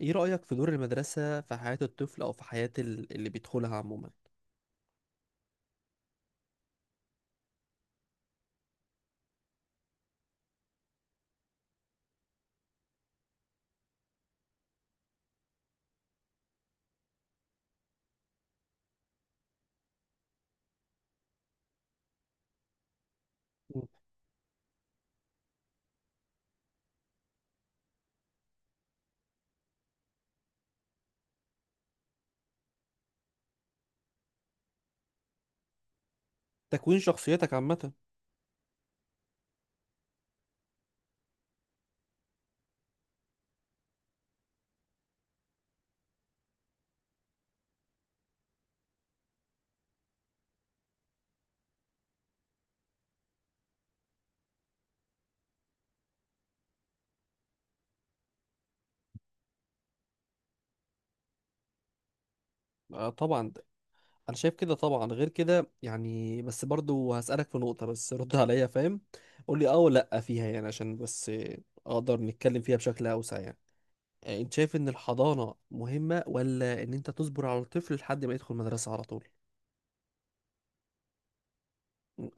ايه رأيك في دور المدرسة في حياة الطفل او في حياة اللي بيدخلها عموما؟ مم. تكوين شخصيتك عامة. آه طبعا ده. انا شايف كده طبعا، غير كده يعني، بس برضو هسألك في نقطة، بس رد عليا. فاهم؟ قول لي اه ولا لا فيها، يعني عشان بس اقدر نتكلم فيها بشكل اوسع يعني. انت شايف ان الحضانة مهمة ولا ان انت تصبر على الطفل لحد ما يدخل مدرسة على طول؟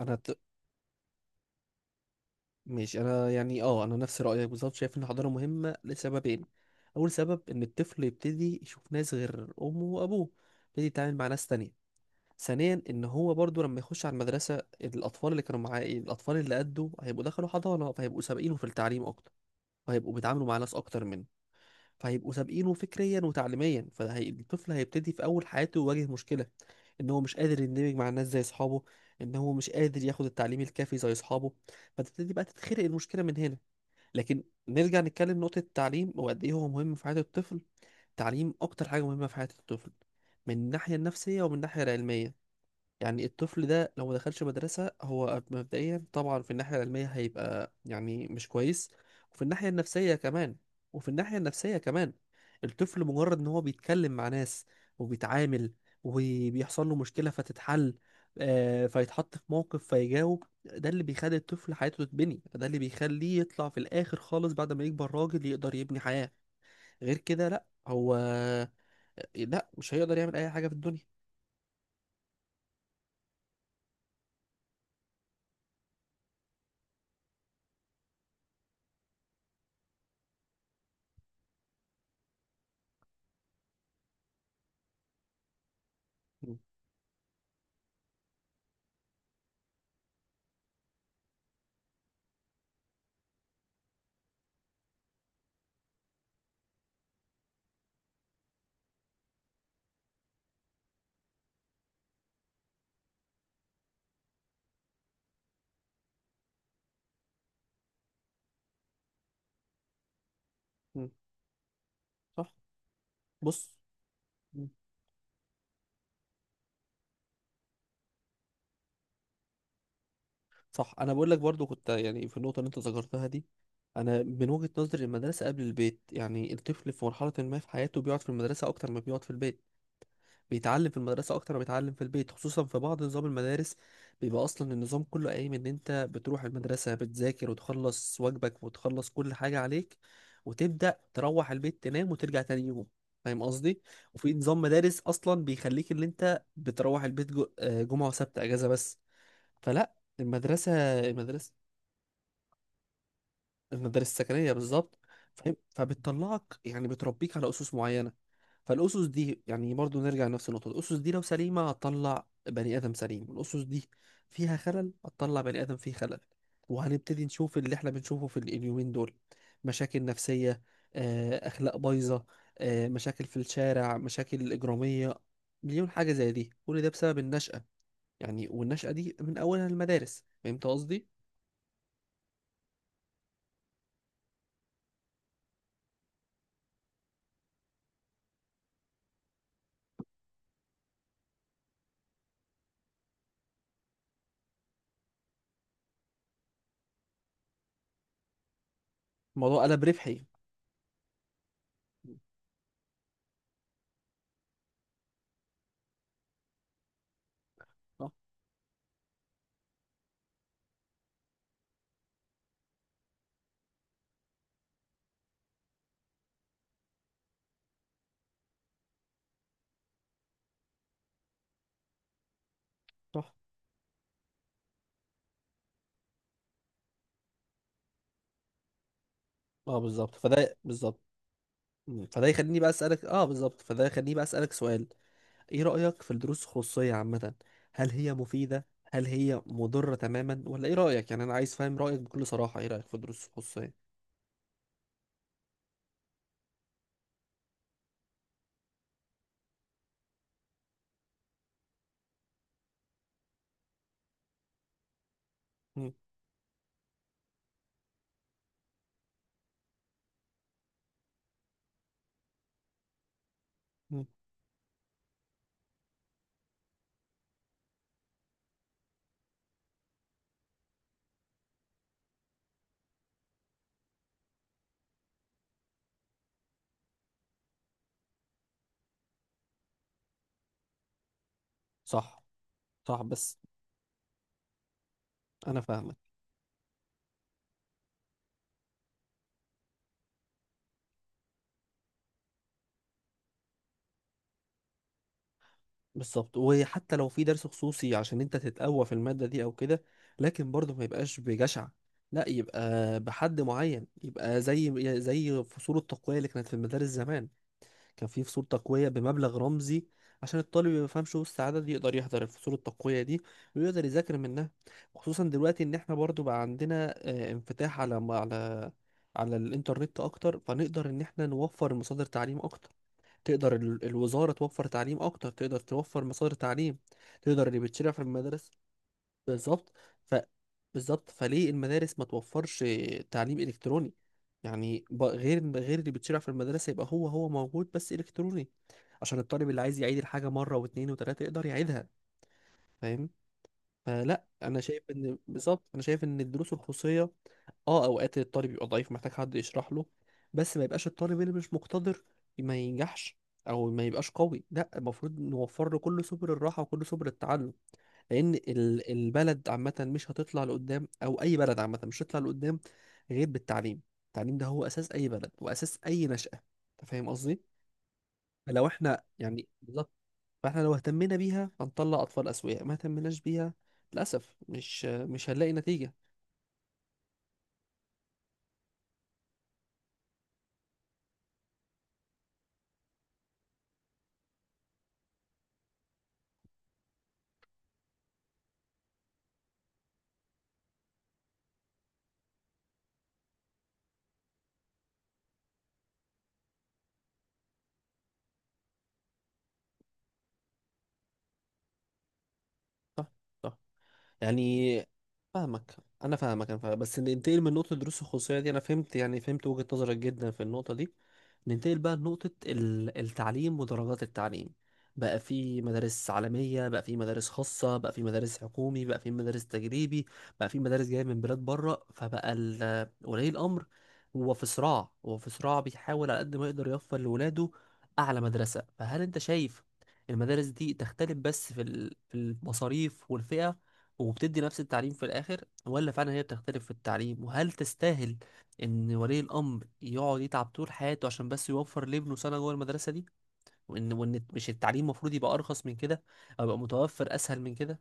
انا ماشي. انا يعني اه انا نفس رايك بالظبط، شايف ان الحضانه مهمه لسببين. اول سبب ان الطفل يبتدي يشوف ناس غير امه وابوه، يبتدي يتعامل مع ناس تانية. ثانيا، ان هو برضو لما يخش على المدرسه، الاطفال اللي كانوا معاه الاطفال اللي قده هيبقوا دخلوا حضانه، فهيبقوا سابقينه في التعليم اكتر، وهيبقوا بيتعاملوا مع ناس اكتر منه. فهيبقوا سابقينه فكريا وتعليميا، فالطفل هيبتدي في اول حياته يواجه مشكله. ان هو مش قادر يندمج مع الناس زي اصحابه، ان هو مش قادر ياخد التعليم الكافي زي اصحابه. فتبتدي بقى تتخلق المشكله من هنا. لكن نرجع نتكلم نقطة التعليم وقد إيه هو مهم في حياة الطفل. التعليم أكتر حاجة مهمة في حياة الطفل، من الناحية النفسية ومن الناحية العلمية. يعني الطفل ده لو ما دخلش مدرسة، هو مبدئيا طبعا في الناحية العلمية هيبقى يعني مش كويس، وفي الناحية النفسية كمان. وفي الناحية النفسية كمان، الطفل مجرد ان هو بيتكلم مع ناس، وبيتعامل، وبيحصل له مشكلة فتتحل. فيتحط في موقف فيجاوب، ده اللي بيخلي الطفل حياته تتبني، ده اللي بيخليه يطلع في الآخر خالص بعد ما يكبر راجل يقدر يبني حياة. غير كده لا، هو لا، مش هيقدر يعمل أي حاجة في الدنيا. م- م- صح. بص. صح، انا بقول لك برضو كنت يعني في النقطه اللي انت ذكرتها دي. انا من وجهه نظري المدرسه قبل البيت. يعني الطفل في مرحله ما في حياته بيقعد في المدرسه اكتر ما بيقعد في البيت، بيتعلم في المدرسه اكتر ما بيتعلم في البيت، خصوصا في بعض نظام المدارس. بيبقى اصلا النظام كله قايم ان انت بتروح المدرسه، بتذاكر وتخلص واجبك وتخلص كل حاجه عليك، وتبدا تروح البيت تنام وترجع تاني يوم. فاهم قصدي؟ وفي نظام مدارس اصلا بيخليك ان انت بتروح البيت جمعه وسبت اجازه بس. فلا. المدرسة المدرسة، المدارس السكنيه بالظبط. فاهم؟ فبتطلعك، يعني بتربيك على اسس معينه. فالاسس دي، يعني برضو نرجع لنفس النقطه، الاسس دي لو سليمه هتطلع بني ادم سليم، الاسس دي فيها خلل هتطلع بني ادم فيه خلل. وهنبتدي نشوف اللي احنا بنشوفه في اليومين دول. مشاكل نفسيه، اخلاق بايظه، مشاكل في الشارع، مشاكل اجراميه. مليون حاجه زي دي، كل ده بسبب النشأة. يعني والنشأة دي من اولها المدارس. فهمت قصدي؟ الموضوع قلب ربحي. صح. صح، اه بالظبط، فده بالظبط. مم. فده يخليني بقى اسالك اه بالظبط، فده يخليني بقى اسالك سؤال. ايه رايك في الدروس الخصوصيه عامه؟ هل هي مفيده؟ هل هي مضره تماما، ولا ايه رايك؟ يعني انا عايز فاهم رايك بكل صراحه. ايه رايك في الدروس الخصوصيه؟ مم. مم. صح. صح، بس. انا فاهمك. بالظبط. وحتى لو في درس خصوصي عشان انت تتقوى في الماده دي او كده، لكن برضه ما يبقاش بجشع. لا، يبقى بحد معين، يبقى زي فصول التقويه اللي كانت في المدارس زمان. كان في فصول تقوية بمبلغ رمزي عشان الطالب اللي ما يفهمش وسط عدد يقدر يحضر الفصول التقوية دي ويقدر يذاكر منها. خصوصا دلوقتي ان احنا برضو بقى عندنا انفتاح على الانترنت اكتر، فنقدر ان احنا نوفر مصادر تعليم اكتر. تقدر الوزارة توفر تعليم اكتر، تقدر توفر مصادر تعليم، تقدر اللي بيتشرع في المدارس. بالظبط. ف بالظبط، فليه المدارس ما توفرش تعليم الكتروني؟ يعني غير اللي بتشرع في المدرسه يبقى هو موجود بس الكتروني، عشان الطالب اللي عايز يعيد الحاجه مره واثنين وثلاثه يقدر يعيدها. فاهم؟ فلا، انا شايف ان بالظبط. انا شايف ان الدروس الخصوصيه اه اوقات الطالب يبقى ضعيف محتاج حد يشرح له، بس ما يبقاش الطالب اللي مش مقتدر ما ينجحش، او ما يبقاش قوي. لا، المفروض نوفر له كل سبل الراحه وكل سبل التعلم. لان البلد عامه مش هتطلع لقدام، او اي بلد عامه مش هتطلع لقدام غير بالتعليم. التعليم ده هو اساس اي بلد واساس اي نشأة. انت فاهم قصدي؟ فلو احنا يعني بالظبط، فاحنا لو اهتمينا بيها هنطلع اطفال اسوياء، ما اهتمناش بيها للاسف مش هنلاقي نتيجة. صح. صح. يعني، فاهمك. انا فاهمك، انا فاهمك. بس ننتقل من نقطه دروس الخصوصيه دي، انا فهمت يعني فهمت وجهه نظرك جدا في النقطه دي. ننتقل بقى لنقطه التعليم ودرجات التعليم. بقى في مدارس عالميه، بقى في مدارس خاصه، بقى في مدارس حكومي، بقى في مدارس تجريبي، بقى في مدارس جايه من بلاد بره. فبقى ولي الامر هو في صراع، هو في صراع بيحاول على قد ما يقدر يوفر لولاده اعلى مدرسه. فهل انت شايف المدارس دي تختلف بس في في المصاريف والفئه، وبتدي نفس التعليم في الآخر، ولا فعلا هي بتختلف في التعليم؟ وهل تستاهل إن ولي الأمر يقعد يتعب طول حياته عشان بس يوفر لابنه سنة جوه المدرسة دي، وإن مش التعليم المفروض يبقى أرخص من كده، أو يبقى متوفر أسهل من كده؟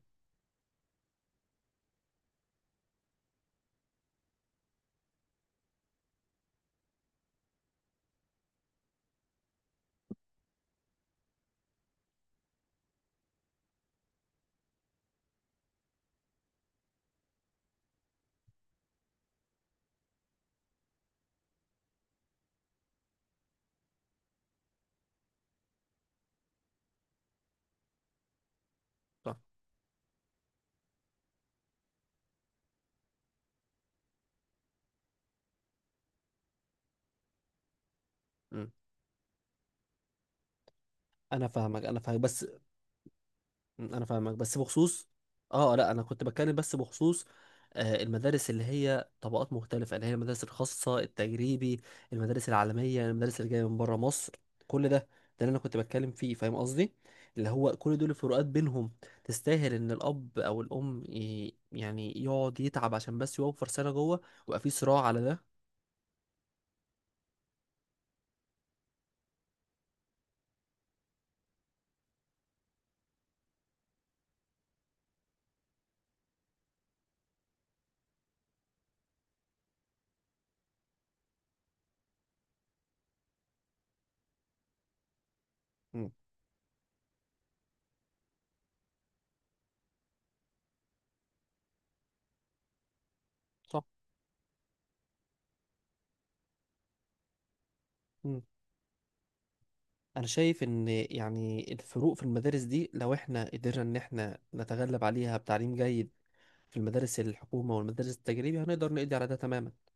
صح. مم. أنا فاهمك، أنا فاهمك، بس. انا فاهمك بس بخصوص، اه لا، انا كنت بتكلم بس بخصوص المدارس اللي هي طبقات مختلفة، اللي هي المدارس الخاصة التجريبي، المدارس العالمية، المدارس اللي جاية من بره مصر. كل ده اللي انا كنت بتكلم فيه. فاهم قصدي؟ اللي هو كل دول الفروقات بينهم، تستاهل ان الاب او الام يعني يقعد يتعب عشان بس يوفر سنة جوه ويبقى في صراع على ده؟ مم. صح. مم. انا شايف ان يعني الفروق في المدارس دي لو احنا قدرنا ان احنا نتغلب عليها بتعليم جيد في المدارس الحكومة والمدارس التجريبي، هنقدر نقضي على ده تماما.